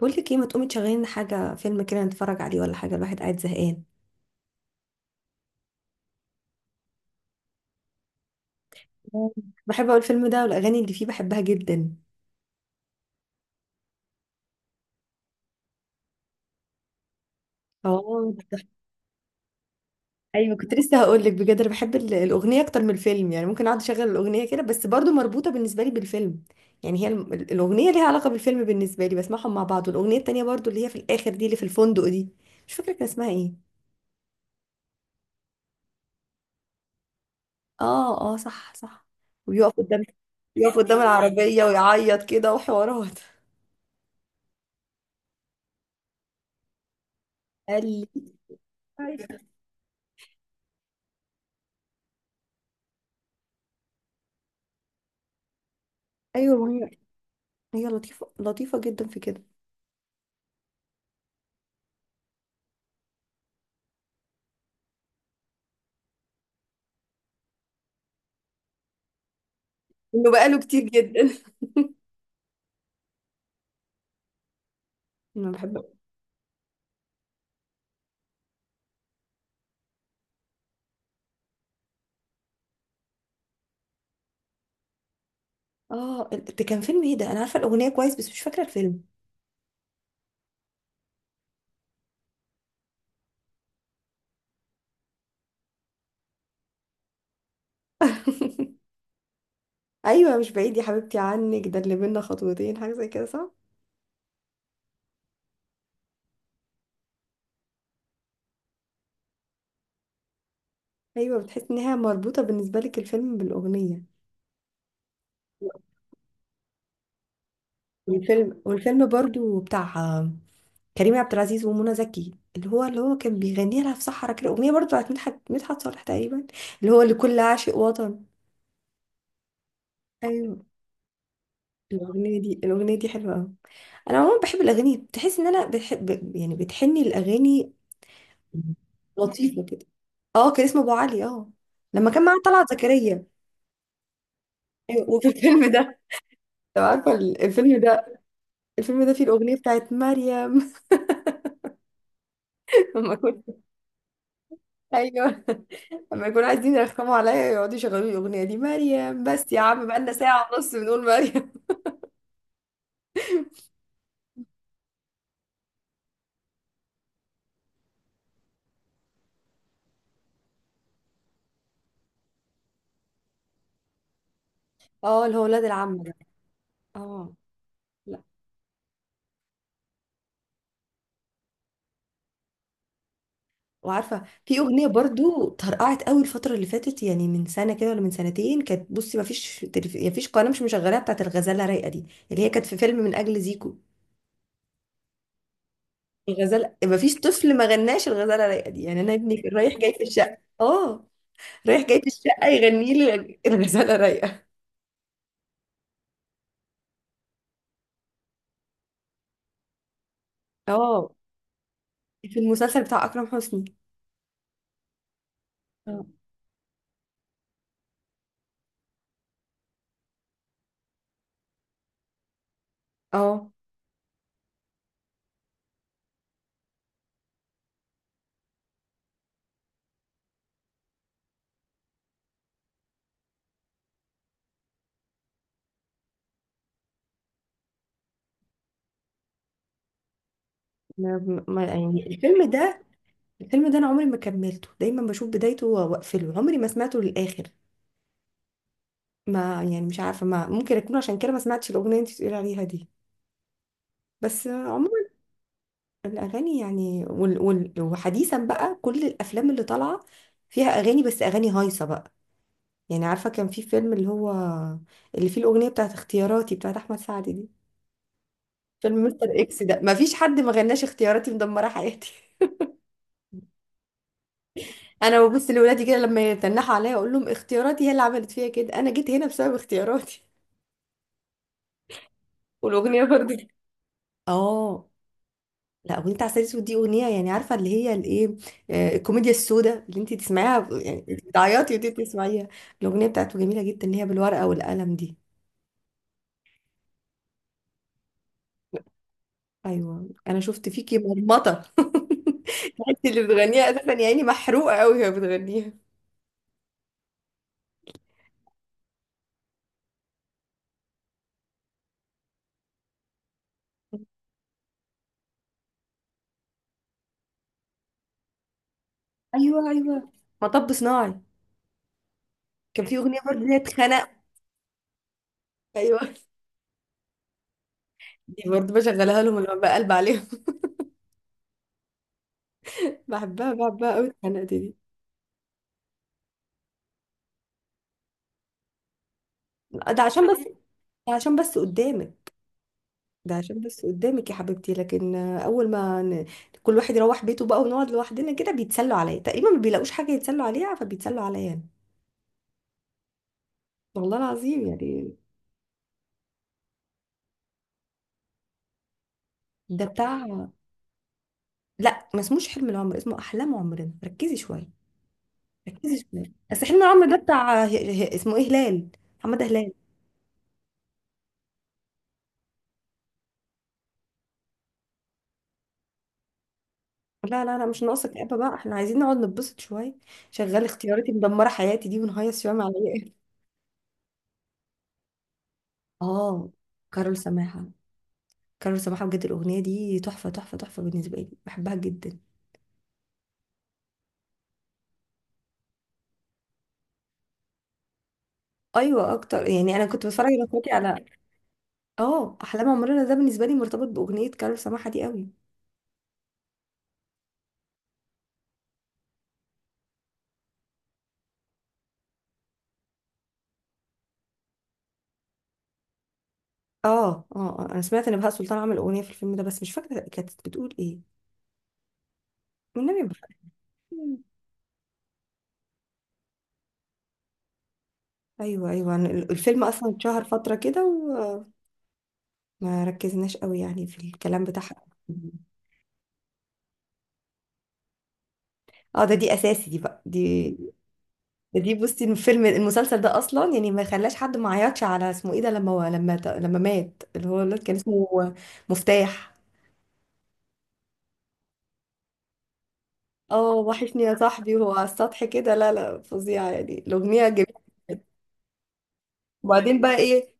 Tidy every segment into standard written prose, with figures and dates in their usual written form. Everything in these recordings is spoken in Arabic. بقول لك ايه، ما تقومي تشغلي لنا حاجه، فيلم كده نتفرج عليه ولا حاجه، الواحد قاعد زهقان. بحب اقول الفيلم ده والاغاني اللي فيه بحبها جدا. اه، ايوه كنت لسه هقول لك بجد، انا بحب الاغنيه اكتر من الفيلم، يعني ممكن اقعد اشغل الاغنيه كده بس برضو مربوطه بالنسبه لي بالفيلم. يعني هي الاغنيه ليها علاقه بالفيلم بالنسبه لي، بسمعهم مع بعض، والاغنيه التانيه برضو اللي هي في الاخر دي، اللي في الفندق دي. مش فاكره كان اسمها ايه. اه، اه، صح، صح. ويقف قدام يقف قدام العربيه ويعيط كده وحوارات. قال لي ايوه، هي لطيفة، لطيفة جدا في كده. انه بقاله كتير جدا. انا بحب. اه، ده كان فيلم ايه؟ ده انا عارفة الأغنية كويس بس مش فاكرة الفيلم. ايوه مش بعيد يا حبيبتي عنك، ده اللي بينا خطوتين، حاجة زي كده، صح؟ ايوه، بتحس انها مربوطة بالنسبة لك الفيلم بالأغنية. والفيلم برضو بتاع كريم عبد العزيز ومنى زكي، اللي هو كان بيغني لها في صحرا كده أغنية برضو بتاعت مدحت صالح تقريبا، اللي هو لكل عاشق وطن. ايوه، الأغنية دي حلوة أوي. أنا عموما بحب الأغاني، بتحس إن أنا بحب، يعني بتحني الأغاني. لطيفة كده. أه، كان اسمه أبو علي، أه، لما كان معاه طلعت زكريا. أيوة، وفي الفيلم ده، لو عارفة الفيلم ده، الفيلم ده فيه الأغنية بتاعت مريم. لما كنت، أيوه، لما يكونوا عايزين يرخموا عليا يقعدوا يشغلوا لي الأغنية دي، مريم، بس يا عم بقالنا ساعة ونص بنقول مريم. أه، اللي هو ولاد العم ده. أه. وعارفه، في اغنيه برضو طرقعت قوي الفتره اللي فاتت، يعني من سنه كده ولا من سنتين، كانت، بصي ما فيش يعني ما فيش قناه مش مشغلاها، بتاعت الغزاله رايقه دي، اللي هي كانت في فيلم من اجل زيكو. الغزاله، ما فيش طفل ما غناش الغزاله رايقه دي، يعني انا ابني كان رايح جاي في الشقه، اه، رايح جاي في الشقه يغني لي الغزاله رايقه. اه، في المسلسل بتاع اكرم حسني. آه. اه، يعني الفيلم ده، الفيلم ده انا عمري ما كملته، دايما بشوف بدايته واقفله، عمري ما سمعته للاخر. ما يعني مش عارفة، ما ممكن أكون عشان كده ما سمعتش الأغنية اللي أنت بتقولي عليها دي، بس عموما الأغاني، يعني وال وال وحديثا بقى، كل الأفلام اللي طالعة فيها أغاني، بس أغاني هايصة بقى. يعني عارفة، كان في فيلم، اللي هو اللي فيه الأغنية بتاعت اختياراتي بتاعت أحمد سعد دي، فيلم مستر إكس ده، ما فيش حد ما غناش اختياراتي مدمرة حياتي. أنا ببص لولادي كده لما يتنحوا عليا، أقول لهم اختياراتي هي اللي عملت فيا كده، أنا جيت هنا بسبب اختياراتي. والأغنية برضه. اه، لا، اغنيه عسل اسود دي اغنيه، يعني عارفه اللي هي الايه، الكوميديا السوداء، اللي انت تسمعيها يعني انت بتعيطي وانت بتسمعيها. الاغنيه بتاعته جميله جدا، اللي هي بالورقه والقلم دي. ايوه، انا شفت فيكي مرمطه. انت اللي بتغنيها اساسا، يا عيني محروقه قوي وهي بتغنيها. ايوه، ايوه، مطب صناعي، كان في اغنيه برضه اللي هي اتخنق. ايوه، دي برضه بشغلها لهم لما بقلب عليهم. بحبها قوي، اتخنقت دي. ده عشان بس، ده عشان بس قدامك، ده عشان بس قدامك يا حبيبتي، لكن اول ما ن... كل واحد يروح بيته بقى ونقعد لوحدنا كده، بيتسلوا عليا تقريبا، ما بيلاقوش حاجه يتسلوا عليها، فبيتسلوا عليا أنا. والله العظيم يعني. ده بتاع، لا ما اسموش حلم العمر، اسمه احلام عمرنا، ركزي شويه، ركزي شويه، بس حلم العمر ده بتاع اسمه ايه، هلال، محمد هلال. لا، لا، لا، مش ناقصك ابا بقى، احنا عايزين نقعد نتبسط شويه، شغال اختياراتي مدمره حياتي دي، ونهيص شويه مع العيال. اه، كارول سماحه، كانوا سماحة بجد، الأغنية دي تحفة، تحفة، تحفة بالنسبة لي، بحبها جدا. أيوة، أكتر، يعني أنا كنت بتفرج أنا وأخواتي على، أه، أحلام عمرنا ده بالنسبة لي مرتبط بأغنية كارول سماحة دي قوي. أه، أه، آه. أنا سمعت إن بهاء سلطان عمل أغنية في الفيلم ده بس مش فاكرة كانت بتقول إيه، والنبي ما فاكرة. أيوة، أيوة، أنا الفيلم أصلا اتشهر فترة كده وما ركزناش قوي يعني في الكلام بتاعها. أه، ده دي أساسي دي بقى دي، دي بصي الفيلم المسلسل ده اصلا، يعني ما خلاش حد ما عيطش على اسمه ايه ده، لما مات، اللي هو الواد كان اسمه مفتاح. اه، وحشني يا صاحبي، وهو على السطح كده، لا، لا، فظيعه، يعني الاغنيه جميله جداً. وبعدين بقى ايه؟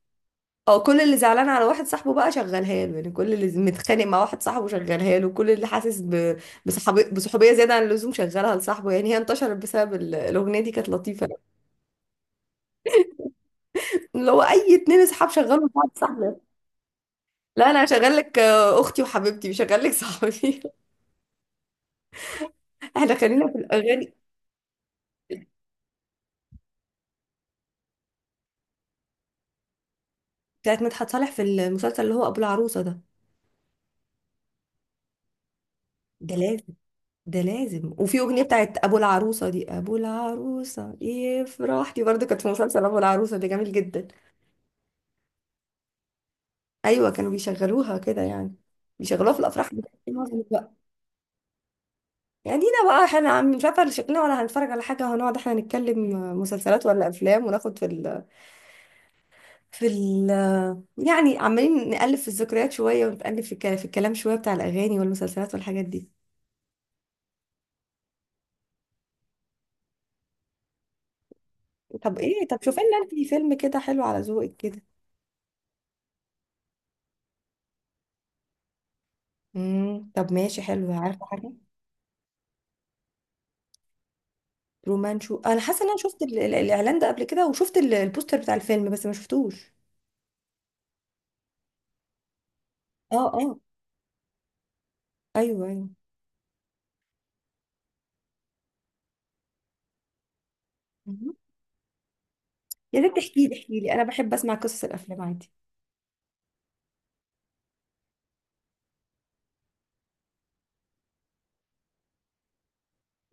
اه، كل اللي زعلان على واحد صاحبه بقى شغلها له، يعني كل اللي متخانق مع واحد صاحبه شغلها له، كل اللي حاسس بصحوبيه زياده عن اللزوم شغلها لصاحبه، يعني هي انتشرت بسبب الاغنيه دي، كانت لطيفه. اللي هو اي اتنين اصحاب شغلوا بعض صاحبه. لا، انا هشغل لك اختي وحبيبتي، مش هشغل لك صاحبي. احنا خلينا في الاغاني بتاعت مدحت صالح في المسلسل اللي هو ابو العروسه ده. ده لازم، ده لازم، وفي اغنيه بتاعت ابو العروسه دي، ابو العروسه ايه فرحتي برضه، كانت في مسلسل ابو العروسه ده، جميل جدا. ايوه، كانوا بيشغلوها كده يعني، بيشغلوها في الافراح معظم الوقت. يعني دينا بقى، احنا مش عارفه شكلنا، ولا هنتفرج على حاجه، هنقعد احنا نتكلم مسلسلات ولا افلام، وناخد في، في ال يعني عمالين نقلب في الذكريات شوية، ونقلب في الكلام شوية بتاع الأغاني والمسلسلات والحاجات دي. طب ايه، طب شوفي لنا انتي فيلم كده حلو على ذوقك كده. طب ماشي، حلو، عارفة حاجة، رومانشو؟ انا حاسة ان انا شفت الإعلان ده قبل كده، وشفت البوستر بتاع الفيلم بس ما شفتوش. اه، اه، ايوه، ايوه. مم. يا ريت تحكي لي، احكي لي، انا بحب اسمع قصص الافلام عادي.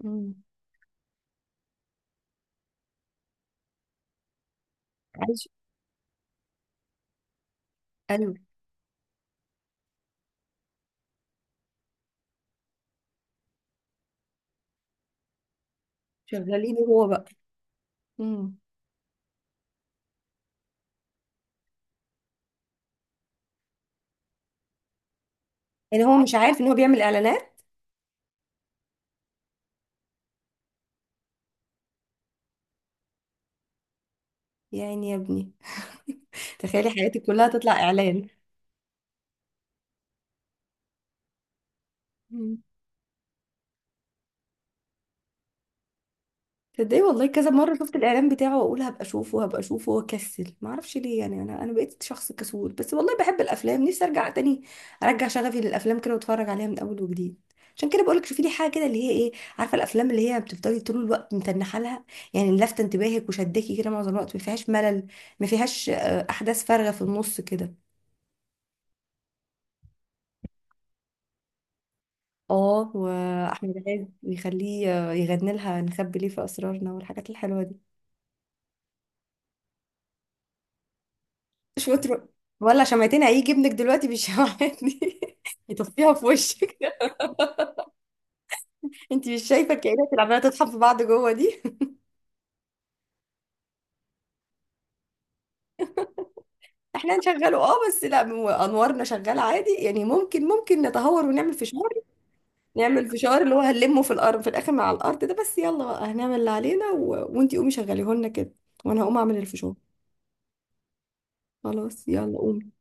امم. عايش. ايوه، شغالين هو بقى. امم. يعني هو مش عارف ان هو بيعمل اعلانات. يعني يا ابني. تخيلي حياتك كلها تطلع اعلان. مم. تصدقي والله كذا مره شفت الاعلان بتاعه واقول هبقى اشوفه، هبقى اشوفه واكسل، ما اعرفش ليه، يعني انا بقيت شخص كسول، بس والله بحب الافلام، نفسي ارجع تاني، ارجع شغفي للافلام كده واتفرج عليها من اول وجديد. عشان كده بقولك شوفي لي حاجه كده، اللي هي ايه، عارفه الافلام اللي هي بتفضلي طول الوقت متنحه لها، يعني لافته انتباهك وشداكي كده معظم الوقت، ما فيهاش ملل، ما فيهاش احداث فارغه في النص كده. اه، واحمد عز يخليه يغني لها نخبي ليه في اسرارنا، والحاجات الحلوه دي. شاطر. ولا شمعتين، هيجي ابنك دلوقتي بالشمعات دي يطفيها في وشك. انت مش شايفه الكائنات اللي عماله تطحن في بعض جوه دي؟ احنا هنشغله، اه، بس لا هو انوارنا شغاله عادي يعني، ممكن نتهور ونعمل فشار. نعمل فشار اللي هو هنلمه في الارض، في الاخر مع الارض ده، بس يلا بقى هنعمل اللي علينا و... وانتي قومي شغليه لنا كده، وانا هقوم اعمل الفشار. خلاص يلا قومي.